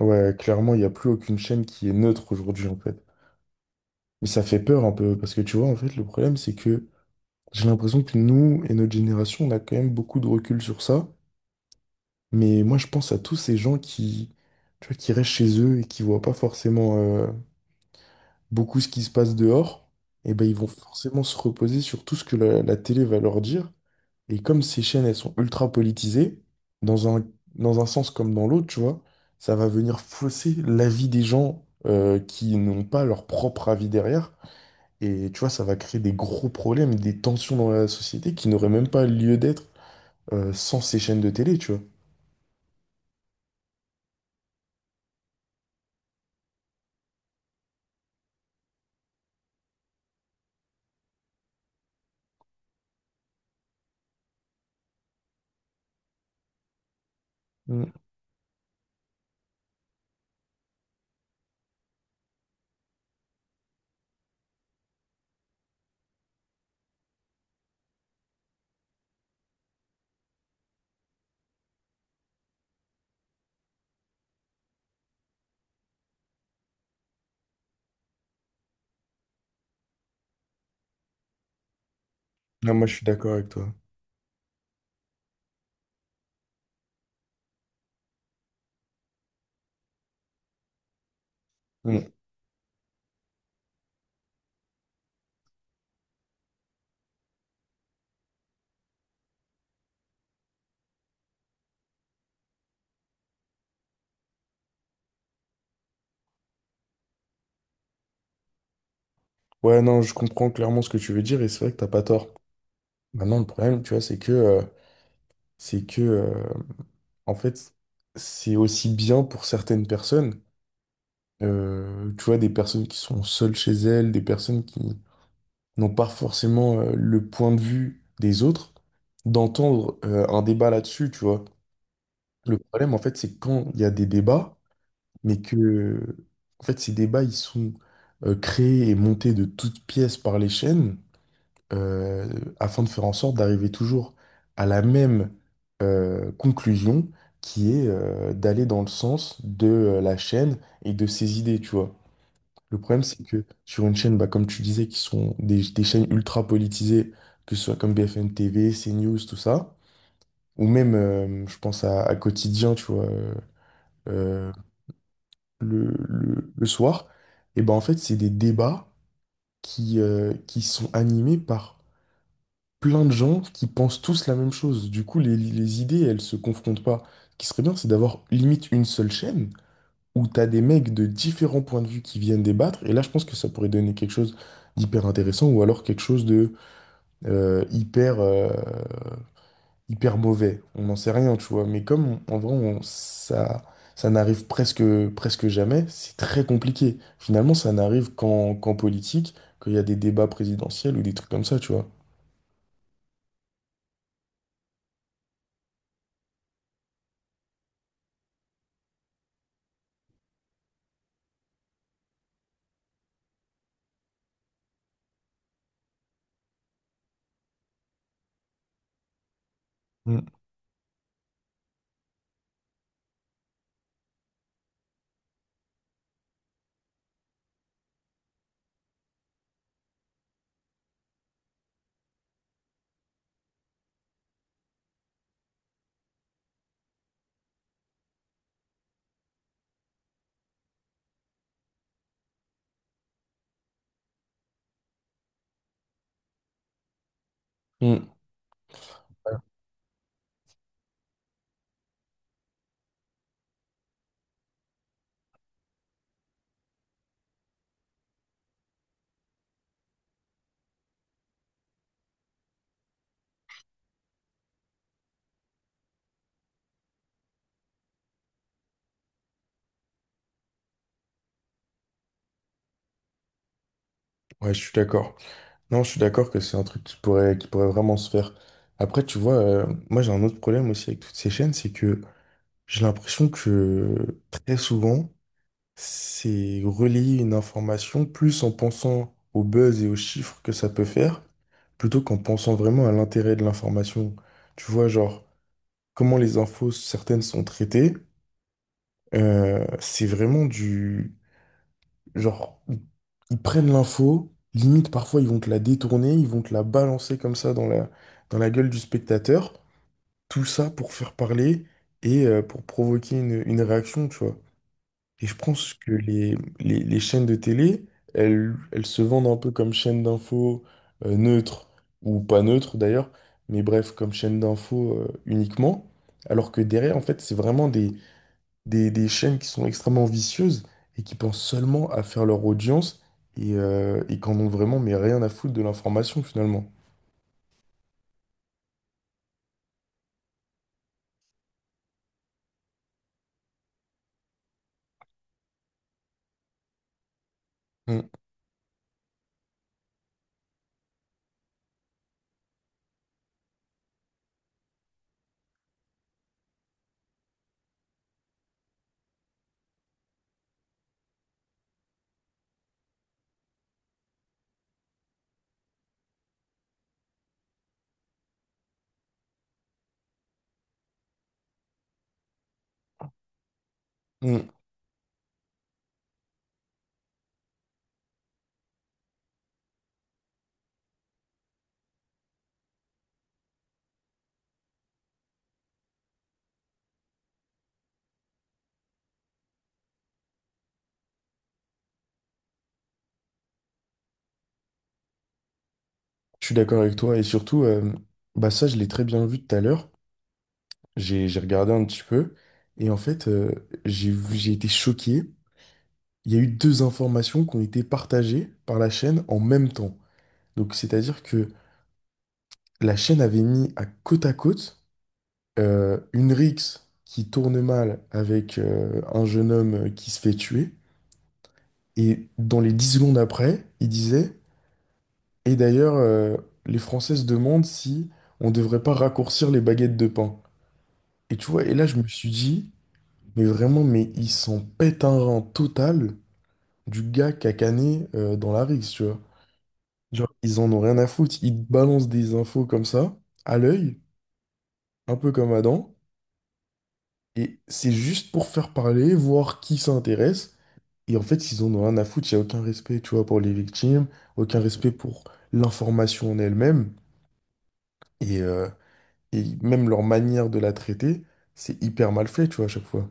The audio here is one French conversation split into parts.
Ouais, clairement, il n'y a plus aucune chaîne qui est neutre aujourd'hui, en fait. Mais ça fait peur un peu, parce que tu vois, en fait, le problème, c'est que j'ai l'impression que nous et notre génération, on a quand même beaucoup de recul sur ça. Mais moi, je pense à tous ces gens qui, tu vois, qui restent chez eux et qui voient pas forcément beaucoup ce qui se passe dehors. Et ben, ils vont forcément se reposer sur tout ce que la télé va leur dire. Et comme ces chaînes, elles sont ultra politisées, dans un, dans un sens comme dans l'autre, tu vois, ça va venir fausser l'avis des gens qui n'ont pas leur propre avis derrière. Et tu vois, ça va créer des gros problèmes, des tensions dans la société qui n'auraient même pas lieu d'être sans ces chaînes de télé, tu vois. Mm. Non, moi, je suis d'accord avec toi. Mm. Ouais, non, je comprends clairement ce que tu veux dire et c'est vrai que t'as pas tort. Maintenant, le problème, tu vois, c'est que, en fait, c'est aussi bien pour certaines personnes. Tu vois, des personnes qui sont seules chez elles, des personnes qui n'ont pas forcément le point de vue des autres, d'entendre un débat là-dessus, tu vois. Le problème, en fait, c'est quand il y a des débats, mais que, en fait, ces débats, ils sont créés et montés de toutes pièces par les chaînes euh, afin de faire en sorte d'arriver toujours à la même conclusion qui est d'aller dans le sens de la chaîne et de ses idées, tu vois. Le problème, c'est que sur une chaîne, bah, comme tu disais, qui sont des chaînes ultra politisées, que ce soit comme BFM TV, CNews, tout ça, ou même, je pense à Quotidien, tu vois, euh, le soir, et ben en fait, c'est des débats qui sont animés par plein de gens qui pensent tous la même chose. Du coup, les idées, elles se confrontent pas. Ce qui serait bien, c'est d'avoir limite une seule chaîne où tu as des mecs de différents points de vue qui viennent débattre. Et là, je pense que ça pourrait donner quelque chose d'hyper intéressant ou alors quelque chose de euh, hyper, euh, hyper mauvais. On n'en sait rien, tu vois. Mais comme on- en vrai, on- ça, ça n'arrive presque, presque jamais, c'est très compliqué. Finalement, ça n'arrive qu'en politique, qu'il y a des débats présidentiels ou des trucs comme ça, tu vois. Mm. Mm. Ouais, je suis d'accord. Non, je suis d'accord que c'est un truc qui pourrait vraiment se faire. Après, tu vois, moi j'ai un autre problème aussi avec toutes ces chaînes, c'est que j'ai l'impression que très souvent, c'est relayer une information plus en pensant au buzz et aux chiffres que ça peut faire, plutôt qu'en pensant vraiment à l'intérêt de l'information. Tu vois, genre, comment les infos, certaines sont traitées, c'est vraiment du... Genre, ils prennent l'info, limite parfois ils vont te la détourner, ils vont te la balancer comme ça dans la gueule du spectateur, tout ça pour faire parler et pour provoquer une réaction, tu vois. Et je pense que les chaînes de télé, elles se vendent un peu comme chaîne d'infos euh, neutres, neutre, ou pas neutre d'ailleurs, mais bref, comme chaîne d'infos uniquement. Alors que derrière, en fait, c'est vraiment des chaînes qui sont extrêmement vicieuses et qui pensent seulement à faire leur audience et qu'en ont vraiment mais rien à foutre de l'information finalement. Mm, mm. Je suis d'accord avec toi et surtout, bah ça, je l'ai très bien vu tout à l'heure. J'ai regardé un petit peu et en fait, j'ai été choqué. Il y a eu deux informations qui ont été partagées par la chaîne en même temps. Donc, c'est-à-dire que la chaîne avait mis à côte une rixe qui tourne mal avec un jeune homme qui se fait tuer. Et dans les 10 secondes après, il disait, et d'ailleurs, les Français se demandent si on devrait pas raccourcir les baguettes de pain. Et tu vois, et là, je me suis dit, mais vraiment, mais ils s'en pète un rang total du gars qui a cané dans la rixe, tu vois. Genre, ils en ont rien à foutre. Ils te balancent des infos comme ça, à l'œil, un peu comme Adam. Et c'est juste pour faire parler, voir qui s'intéresse. Et en fait, ils en ont rien à foutre. Il n'y a aucun respect, tu vois, pour les victimes, aucun respect pour l'information en elle-même. Et, euh, et même leur manière de la traiter, c'est hyper mal fait, tu vois, à chaque fois.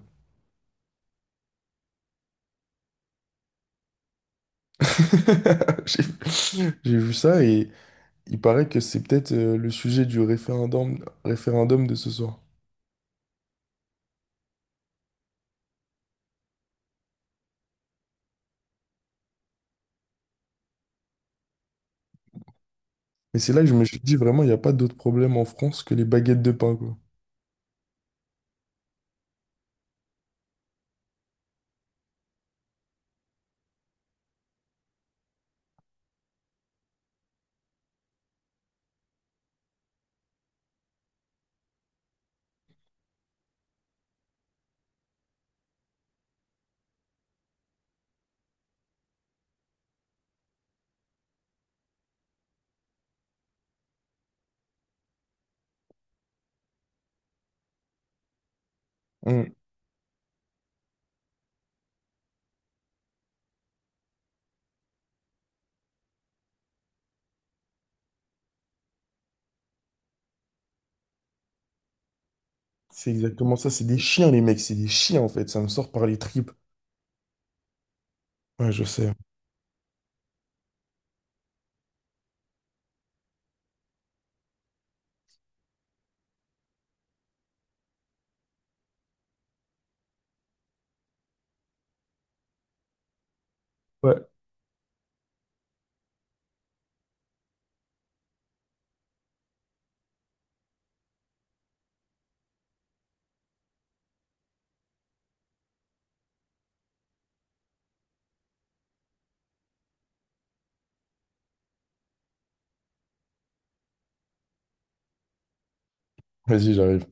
J'ai j'ai vu ça. Il paraît que c'est peut-être le sujet du référendum de ce soir. Mais c'est là que je me suis dit vraiment, il n'y a pas d'autre problème en France que les baguettes de pain, quoi. Hum, C'est exactement ça, c'est des chiens, les mecs, c'est des chiens en fait, ça me sort par les tripes. Ouais, je sais. Ouais. Vas-y, j'arrive.